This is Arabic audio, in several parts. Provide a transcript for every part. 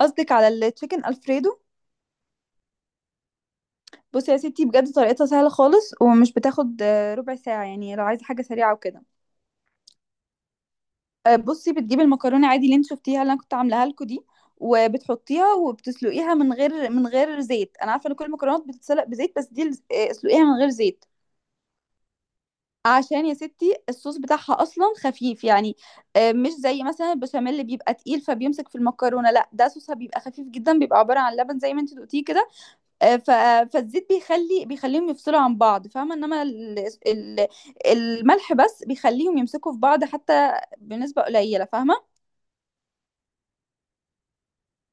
قصدك على التشيكن الفريدو؟ بصي يا ستي، بجد طريقتها سهله خالص ومش بتاخد ربع ساعه، يعني لو عايزه حاجه سريعه وكده. بصي، بتجيبي المكرونه عادي اللي انت شفتيها اللي انا كنت عاملاها لكم دي. وبتحطيها وبتسلقيها من غير زيت. انا عارفه ان كل المكرونات بتتسلق بزيت بس دي اسلقيها من غير زيت. عشان يا ستي الصوص بتاعها اصلا خفيف يعني. مش زي مثلا البشاميل اللي بيبقى تقيل فبيمسك في المكرونه، لا ده صوصها بيبقى خفيف جدا، بيبقى عباره عن لبن زي ما انت دقتيه كده. آه، ف... فالزيت بيخليهم يفصلوا عن بعض، فاهمة؟ انما ال... الملح بس بيخليهم يمسكوا في بعض حتى. بنسبة قليلة، فاهمة؟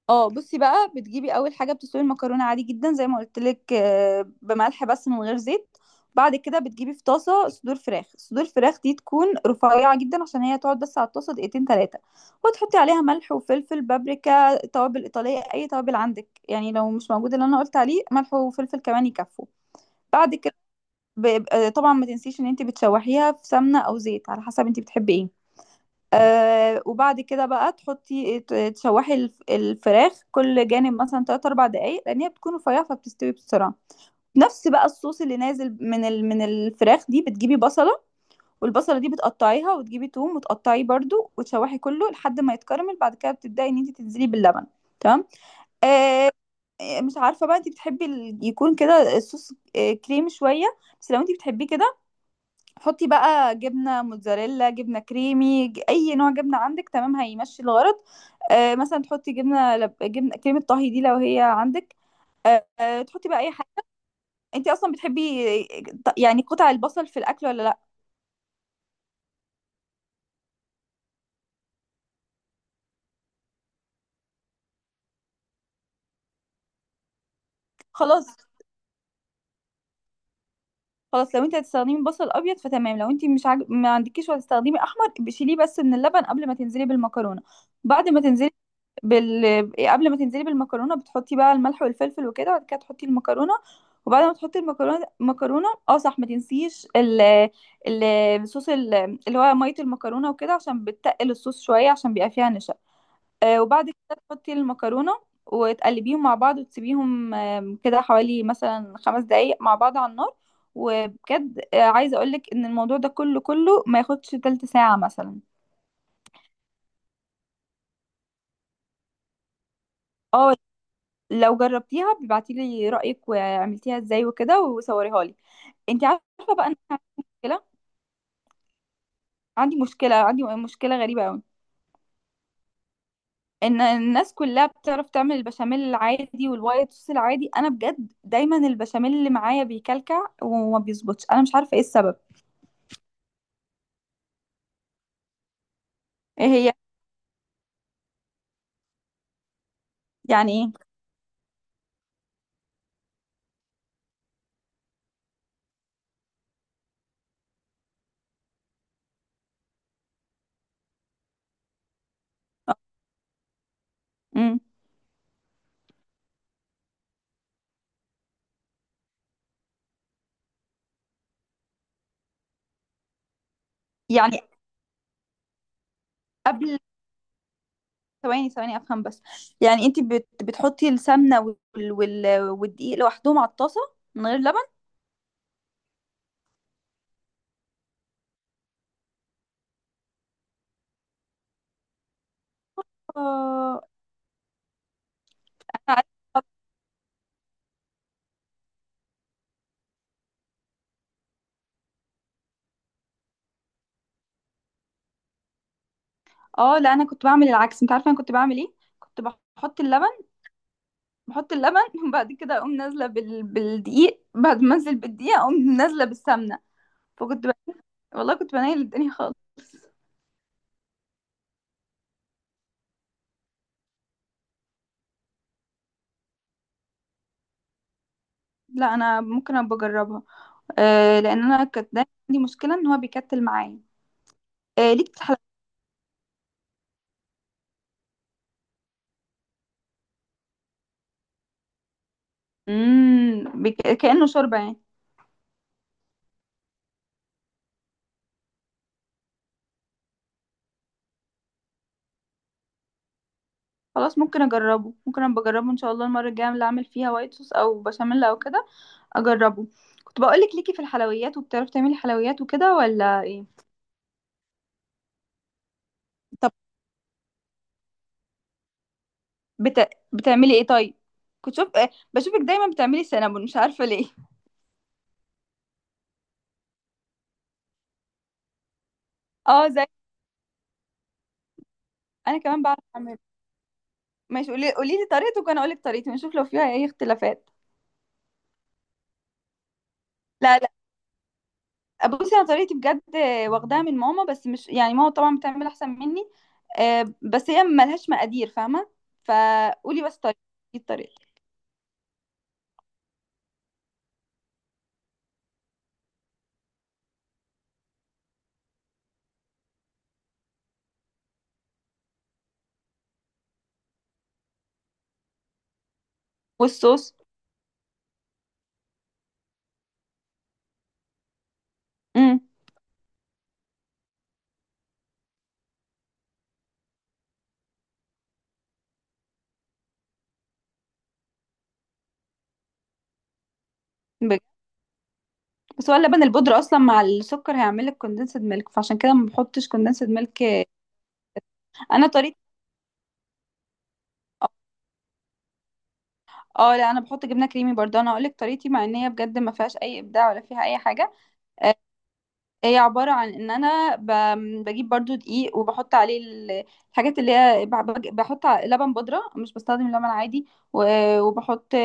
اه، بصي بقى، بتجيبي اول حاجة بتسلقي المكرونة عادي جدا زي ما قلت لك، بملح بس من غير زيت. بعد كده بتجيبي في طاسة صدور فراخ. صدور فراخ دي تكون رفيعة جدا عشان هي تقعد بس على الطاسة دقيقتين تلاتة. وتحطي عليها ملح وفلفل، بابريكا، توابل إيطالية، أي توابل عندك يعني. لو مش موجود اللي أنا قلت عليه، ملح وفلفل كمان يكفوا. بعد، طبعا ما تنسيش ان انت بتشوحيها في سمنة او زيت، على حسب انت بتحبي ايه. وبعد كده بقى تحطي، تشوحي الفراخ كل جانب مثلا 3 4 دقايق، لان هي بتكون رفيعه فبتستوي بسرعه. نفس بقى الصوص اللي نازل من الفراخ دي، بتجيبي بصله. والبصله دي بتقطعيها، وتجيبي توم وتقطعيه برضو، وتشوحي كله لحد ما يتكرمل. بعد كده بتبداي ان انت تنزلي باللبن. تمام. آه مش عارفه بقى انت بتحبي يكون كده الصوص كريمي شويه. بس لو انت بتحبيه كده، حطي بقى جبنة موتزاريلا، جبنة كريمي، أي نوع جبنة عندك. تمام، هيمشي الغرض. مثلا تحطي جبنة كريمة طهي دي لو هي عندك. تحطي بقى أي حاجة. أنت أصلا بتحبي، يعني قطع البصل في الأكل ولا لأ؟ خلاص. خلاص، لو أنت هتستخدمي بصل أبيض فتمام. لو أنت مش عاج... ما عندكيش وهتستخدمي أحمر، بشيليه بس من اللبن قبل ما تنزلي بالمكرونة. بعد ما تنزلي، قبل ما تنزلي بالمكرونه، بتحطي بقى الملح والفلفل وكده، وبعد كده تحطي المكرونه. وبعد ما تحطي المكرونه، اه صح، ما تنسيش ال... الصوص، اللي هو ميه المكرونه وكده، عشان بتقل الصوص شويه عشان بيبقى فيها نشا. وبعد كده تحطي المكرونه. وتقلبيهم مع بعض وتسيبيهم كده حوالي مثلا 5 دقايق مع بعض على النار. وبجد عايزه اقولك ان الموضوع ده كله كله ما ياخدش تلت ساعه مثلا. اه، لو جربتيها بيبعتي لي رأيك وعملتيها ازاي وكده وصوريها لي. انت عارفة بقى ان انا عندي مشكلة. عندي مشكلة غريبة قوي. ان الناس كلها بتعرف تعمل البشاميل العادي والوايت صوص العادي، انا بجد دايما البشاميل اللي معايا بيكلكع وما بيظبطش، انا مش عارفة ايه السبب. ايه هي؟ يعني ايه؟ امم. يعني قبل. ثواني ثواني افهم بس. يعني انت بتحطي السمنة والدقيق لوحدهم على الطاسة، من غير لبن؟ آه، اه لا، انا كنت بعمل العكس. انت عارفه انا كنت بعمل ايه؟ كنت بحط اللبن. بحط اللبن وبعد كده اقوم نازله بالدقيق، بعد ما انزل بالدقيق اقوم نازله بالسمنه. فكنت ب... والله كنت بنيل الدنيا خالص. لا، انا ممكن ابقى اجربها. لان انا كانت دايما عندي مشكله ان هو بيكتل معايا. ليك في الحلويات. امم بك... كانه شوربه يعني؟ خلاص، ممكن اجربه، ممكن ابقى اجربه ان شاء الله المره الجايه اللي اعمل فيها وايت صوص او بشاميل او كده. اجربه. كنت بقول لك، ليكي في الحلويات وبتعرفي تعملي حلويات وكده ولا ايه؟ بتعملي ايه طيب؟ كنت شوف، بشوفك دايما بتعملي سينابون، مش عارفه ليه. اه زي، انا كمان بعرف اعمل. ماشي، قولي لي طريقتك وانا اقول لك طريقتي، ونشوف لو فيها اي اختلافات. لا لا، بصي انا طريقتي بجد، واخداها من ماما، بس مش يعني، ماما طبعا بتعمل احسن مني. بس هي ملهاش مقادير، فاهمه. فقولي بس طريقتي. الطريقه. والصوص. امم. بجد. بس هو اللبن البودرة اصلا مع السكر هيعمل لك كوندنسد ميلك، فعشان كده ما بحطش كوندنسد ميلك. انا طريقتي، اه لا، انا بحط جبنه كريمي برضه. انا هقول لك طريقتي، مع ان هي بجد ما فيهاش اي ابداع ولا فيها اي حاجه. آه هي عبارة عن ان انا بجيب برضو دقيق وبحط عليه الحاجات اللي هي بحط لبن بودرة، مش بستخدم لبن عادي. وبحط.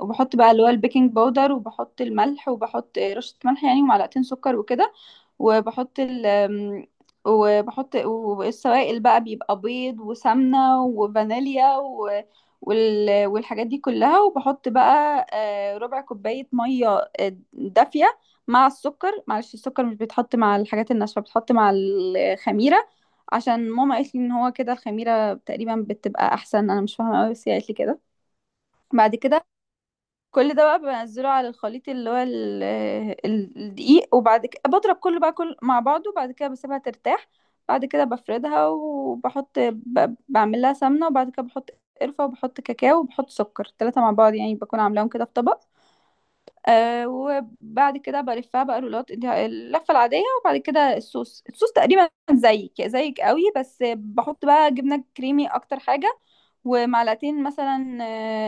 وبحط بقى اللي هو البيكنج باودر، وبحط الملح، وبحط رشة ملح يعني، ومعلقتين سكر وكده. وبحط ال والسوائل بقى بيبقى بيض وسمنة وفانيليا والحاجات دي كلها، وبحط بقى ربع كوباية مية دافية، مع السكر. معلش، السكر مش بيتحط مع الحاجات الناشفة، بيتحط مع الخميرة، عشان ماما قالت لي ان هو كده الخميرة تقريبا بتبقى احسن. انا مش فاهمة قوي بس هي قالت لي كده. بعد كده، كل ده بقى بنزله على الخليط اللي هو الدقيق. وبعد كده بضرب كله بقى كل مع بعضه. بعد كده بسيبها ترتاح. بعد كده بفردها وبحط، بعمل لها سمنة، وبعد كده بحط قرفة، وبحط كاكاو، وبحط سكر، التلاتة مع بعض يعني، بكون عاملاهم كده في طبق. وبعد كده بلفها بقى رولات، اللفه العاديه. وبعد كده الصوص، تقريبا زيك زيك قوي، بس بحط بقى جبنه كريمي اكتر حاجه. ومعلقتين مثلا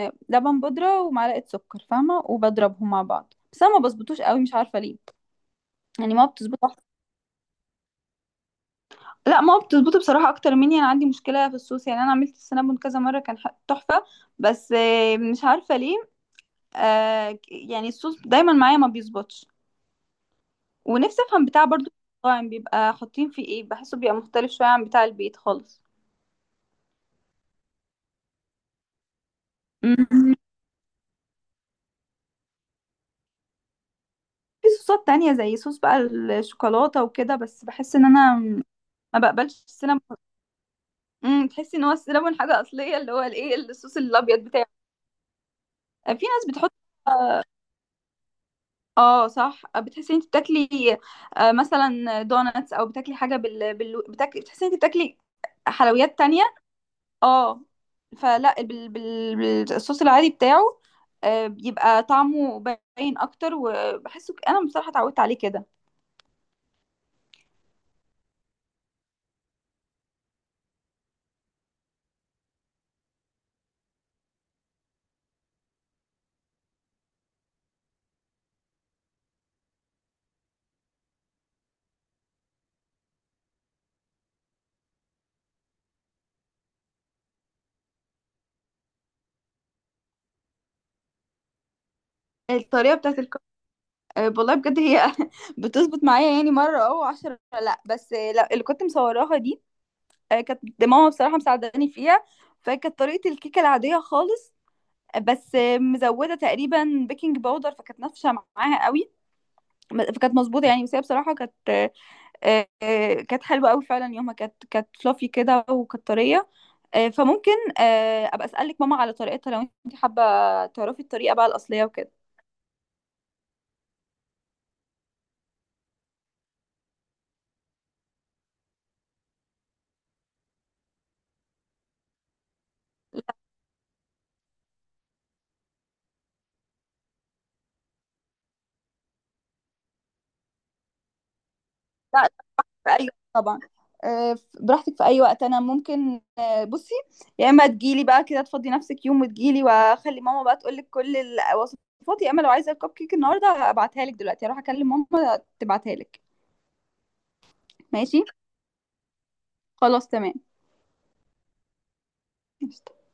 لبن بودرة ومعلقة سكر، فاهمة، وبضربهم مع بعض. بس انا ما بظبطوش قوي، مش عارفة ليه. يعني ما بتظبط أحسن. لا، ما بتظبط بصراحة اكتر مني، انا عندي مشكلة في الصوص. يعني انا عملت السنابون كذا مرة كان تحفة. بس مش عارفة ليه. يعني الصوص دايما معايا ما بيظبطش. ونفسي افهم بتاع برضو المطاعم بيبقى حاطين فيه ايه، بحسه بيبقى مختلف شوية عن بتاع البيت خالص. مم. في صوصات تانية زي صوص بقى الشوكولاتة وكده، بس بحس ان انا ما بقبلش السينامون. تحسي ان هو السينامون حاجة اصلية اللي هو الايه الصوص الابيض بتاعه؟ في ناس بتحط، اه صح، بتحسي ان انت بتاكلي مثلا دوناتس، او بتاكلي حاجة بتاكلي، بتحسي ان انت بتاكلي حلويات تانية. اه، فلا بال... بال... بالصوص العادي بتاعه، بيبقى طعمه باين اكتر، وبحسه انا بصراحه اتعودت عليه كده. الطريقه بتاعت والله بجد هي بتظبط معايا يعني مره او 10، لا بس لا، اللي كنت مصوراها دي، كانت ماما بصراحه مساعداني فيها. فكانت طريقه الكيكه العاديه خالص، بس مزوده تقريبا بيكنج باودر، فكانت نافشه معاها قوي. فكانت مظبوطه يعني، بس هي بصراحه كانت كانت حلوة قوي فعلا، يومها كانت فلافي كده وكانت طرية. فممكن ابقى اسألك ماما على طريقتها لو انت حابة تعرفي الطريقة بقى الأصلية وكده. لا لا، في اي، طبعا، براحتك في اي وقت. انا ممكن بصي، يا اما تجيلي بقى كده، تفضي نفسك يوم وتجيلي، واخلي ماما بقى تقولك كل الوصفات. يا اما لو عايزة الكب كيك النهاردة، ابعتها لك دلوقتي، هروح اكلم ماما تبعتها لك. ماشي. خلاص، تمام. قشطة.